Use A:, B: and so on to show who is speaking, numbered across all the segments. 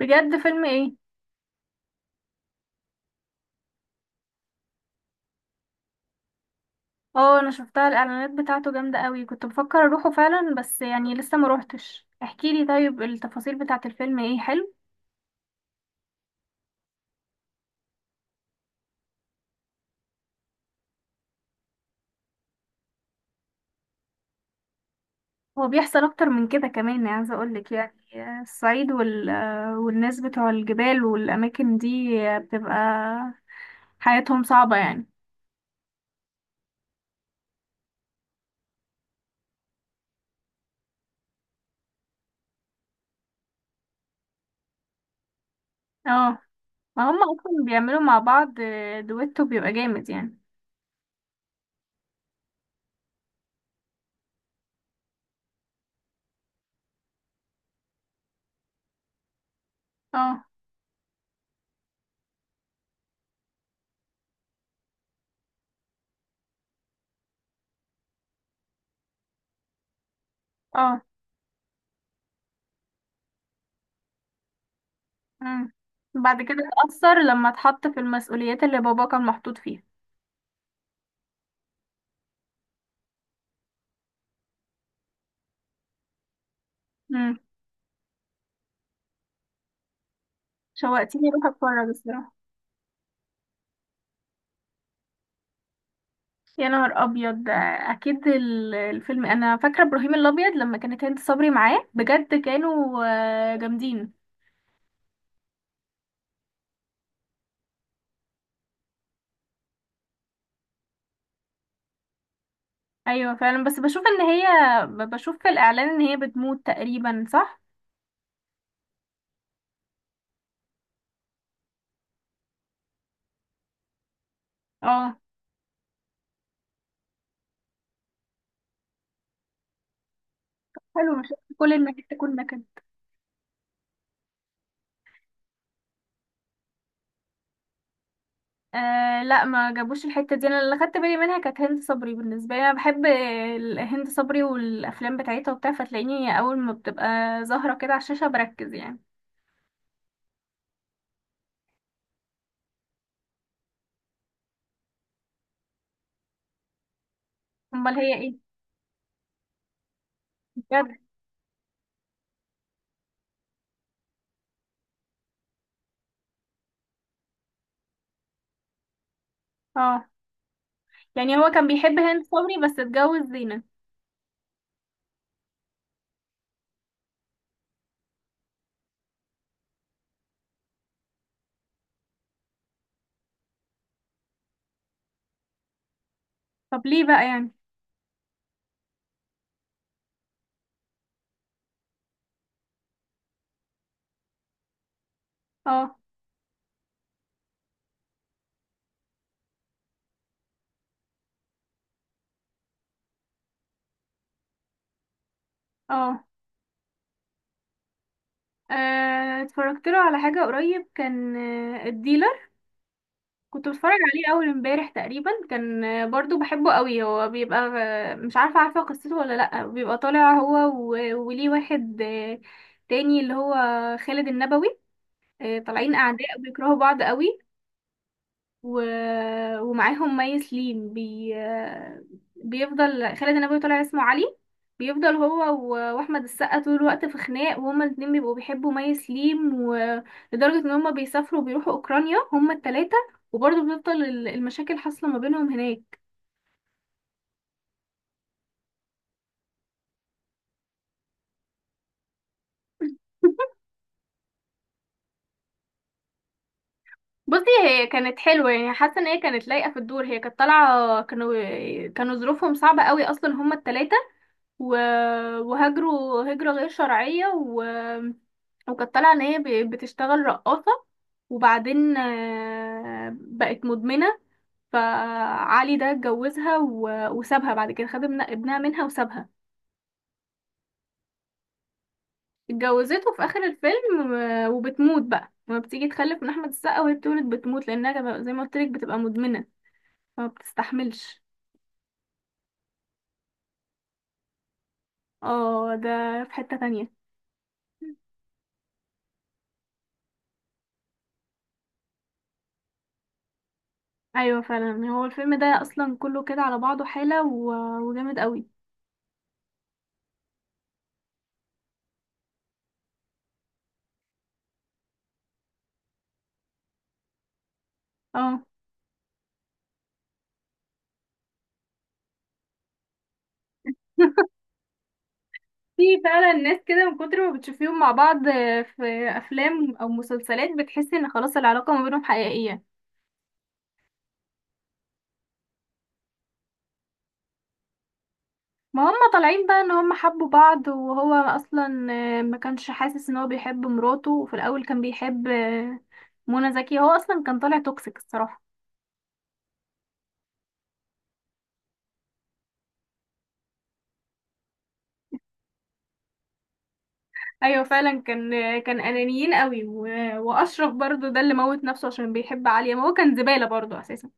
A: بجد، فيلم ايه؟ اه، انا شفتها الاعلانات بتاعته جامده قوي، كنت بفكر اروحه فعلا بس يعني لسه ما روحتش. احكي لي طيب، التفاصيل بتاعه الفيلم ايه؟ حلو؟ هو بيحصل اكتر من كده كمان، يعني عايزه اقول لك يعني الصعيد والناس بتوع الجبال والاماكن دي بتبقى حياتهم صعبه يعني. اه، ما هم اصلا بيعملوا مع بعض دويتو بيبقى جامد يعني. اه. اه. مم. بعد كده اتأثر لما اتحط في المسؤوليات اللي بابا كان محطوط فيها. شوقتيني اروح اتفرج الصراحه. يا نهار ابيض ده! اكيد الفيلم انا فاكره ابراهيم الابيض، لما كانت هند صبري معاه بجد كانوا جامدين. ايوه فعلا، بس بشوف ان هي بشوف في الاعلان ان هي بتموت تقريبا، صح؟ اه، حلو، مش لازم كل النكد تكون نكد. آه لا، ما جابوش الحته دي، انا اللي خدت بالي منها كانت هند صبري. بالنسبه لي انا بحب هند صبري والافلام بتاعتها وبتاع، فتلاقيني اول ما بتبقى ظاهره كده على الشاشه بركز يعني. امال هي ايه؟ بجد؟ اه. يعني هو كان بيحب هند صبري بس اتجوز زينة؟ طب ليه بقى يعني؟ اه. اه. اتفرجت له على حاجة قريب، كان الديلر. كنت بتفرج عليه أول امبارح تقريبا، كان برضو بحبه قوي. هو بيبقى مش عارفة، عارفة قصته ولا لأ؟ بيبقى طالع هو وليه واحد تاني اللي هو خالد النبوي، طالعين أعداء بيكرهوا بعض قوي و... ومعاهم مي سليم بيفضل خالد النبوي طلع اسمه علي، بيفضل هو واحمد السقا طول الوقت في خناق، وهما الاتنين بيبقوا بيحبوا مي سليم، ولدرجة ان هما بيسافروا وبيروحوا اوكرانيا هما التلاتة، وبرضه بتفضل المشاكل حاصلة ما بينهم هناك. بصي هي كانت حلوة يعني، حاسة ان هي كانت لايقة في الدور، هي كانت طالعة كانوا ظروفهم صعبة قوي اصلا هما التلاتة، و- وهاجروا هجرة غير شرعية وكانت طالعة ان هي بتشتغل رقاصة، وبعدين بقت مدمنة. فعلي ده اتجوزها وسابها بعد كده، خد ابنها منها وسابها. اتجوزته في اخر الفيلم، وبتموت بقى لما بتيجي تخلف من احمد السقا، وهي بتولد بتموت لانها زي ما قلت لك بتبقى مدمنة فما بتستحملش. اه، ده في حتة تانية. ايوه فعلا، هو الفيلم ده اصلا كله كده على بعضه حالة وجامد قوي. اه. في فعلا ناس كده من كتر ما بتشوفيهم مع بعض في افلام او مسلسلات بتحسي ان خلاص العلاقه ما بينهم حقيقيه. ما هم طالعين بقى ان هم حبوا بعض، وهو اصلا ما كانش حاسس ان هو بيحب مراته، وفي الاول كان بيحب منى زكي. هو اصلا كان طالع توكسيك الصراحه. ايوه فعلا، كان كان انانيين قوي، واشرف برضو ده اللي موت نفسه عشان بيحب عليا، ما هو كان زباله برضو اساسا.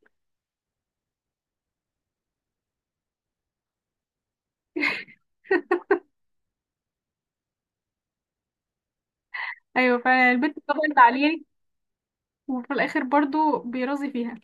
A: ايوه فعلا، البنت طبقت عليه. وفي الاخر برضو بيرازي فيها.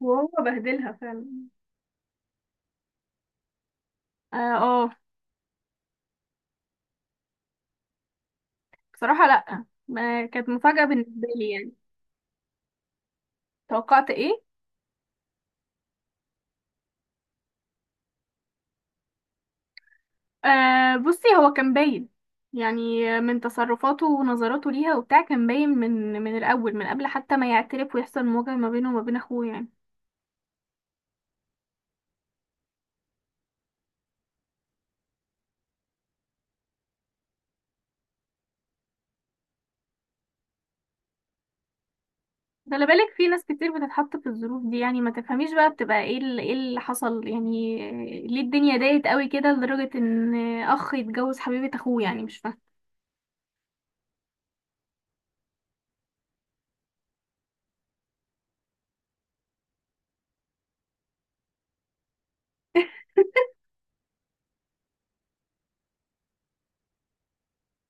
A: وهو بهدلها فعلا. اه. آه. بصراحة لأ، ما كانت مفاجأة بالنسبة لي يعني. توقعت ايه؟ آه، بصي هو كان باين يعني، من تصرفاته ونظراته ليها وبتاع، كان باين من الأول، من قبل حتى ما يعترف ويحصل مواجهة ما بينه وما بين أخوه يعني. خلي بالك، في ناس كتير بتتحط في الظروف دي يعني، ما تفهميش بقى بتبقى ايه ايه اللي حصل يعني. ليه الدنيا ضاقت قوي كده لدرجة ان اخ يتجوز حبيبة اخوه؟ يعني مش فاهمة.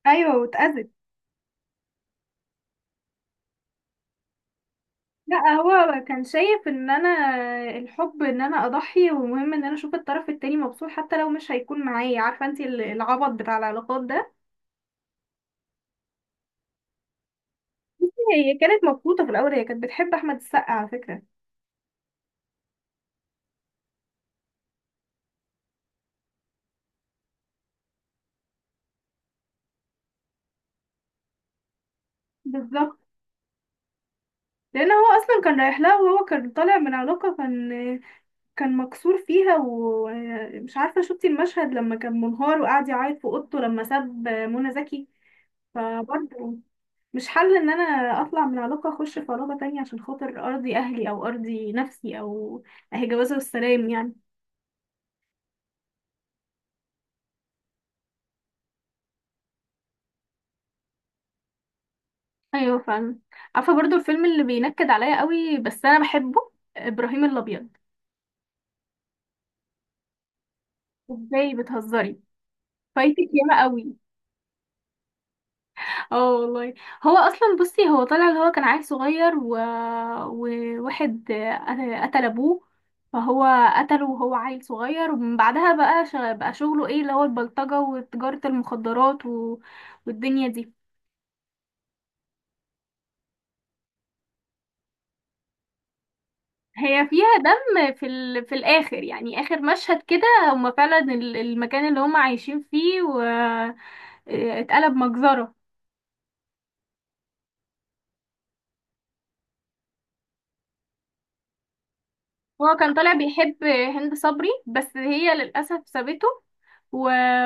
A: ايوه، واتأذت. لا، هو كان شايف ان انا الحب ان انا اضحي، ومهم ان انا اشوف الطرف التاني مبسوط حتى لو مش هيكون معايا، عارفه انت العبط بتاع العلاقات ده. هي كانت مبسوطه في الاول، هي كانت بتحب احمد السقا على فكره. بالظبط، لان هو اصلا كان رايح لها، وهو كان طالع من علاقه كان مكسور فيها. ومش عارفه شفتي المشهد لما كان منهار وقعد يعيط في اوضته لما ساب منى زكي؟ فبرضه مش حل ان انا اطلع من علاقة اخش في علاقة تانية عشان خاطر ارضي اهلي او ارضي نفسي، او اهي جوازة والسلام يعني. ايوه فاهم. عارفة برضو الفيلم اللي بينكد عليا قوي بس انا بحبه؟ ابراهيم الابيض. ازاي، بتهزري؟ فايتك ياما قوي. اه والله. هو اصلا بصي، هو طلع اللي هو كان عيل صغير وواحد قتل ابوه، فهو قتله وهو عيل صغير. ومن بعدها بقى بقى شغله ايه، اللي هو البلطجة وتجارة المخدرات والدنيا دي. هي فيها دم في الاخر، يعني اخر مشهد كده هما فعلا المكان اللي هما عايشين فيه و... آه، اتقلب مجزرة. هو كان طالع بيحب هند صبري بس هي للأسف سابته و...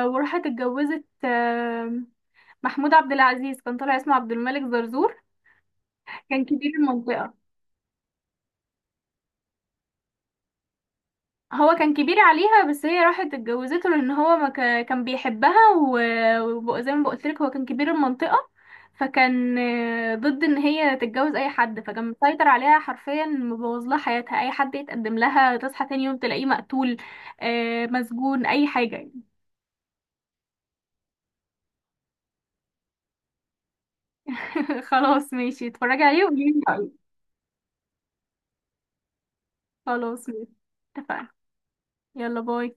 A: وراحت اتجوزت محمود عبد العزيز، كان طالع اسمه عبد الملك زرزور. كان كبير المنطقة. هو كان كبير عليها بس هي راحت اتجوزته، لأن هو ما ك... كان بيحبها، وزي ما بقولتلك هو كان كبير المنطقة، فكان ضد ان هي تتجوز اي حد، فكان مسيطر عليها حرفيا، مبوظ لها حياتها، اي حد يتقدم لها تصحى تاني يوم تلاقيه مقتول، مسجون، اي حاجة. خلاص ماشي، اتفرجي عليه وقولي لي رأيك. خلاص ماشي. اتفقنا. يلا، باي.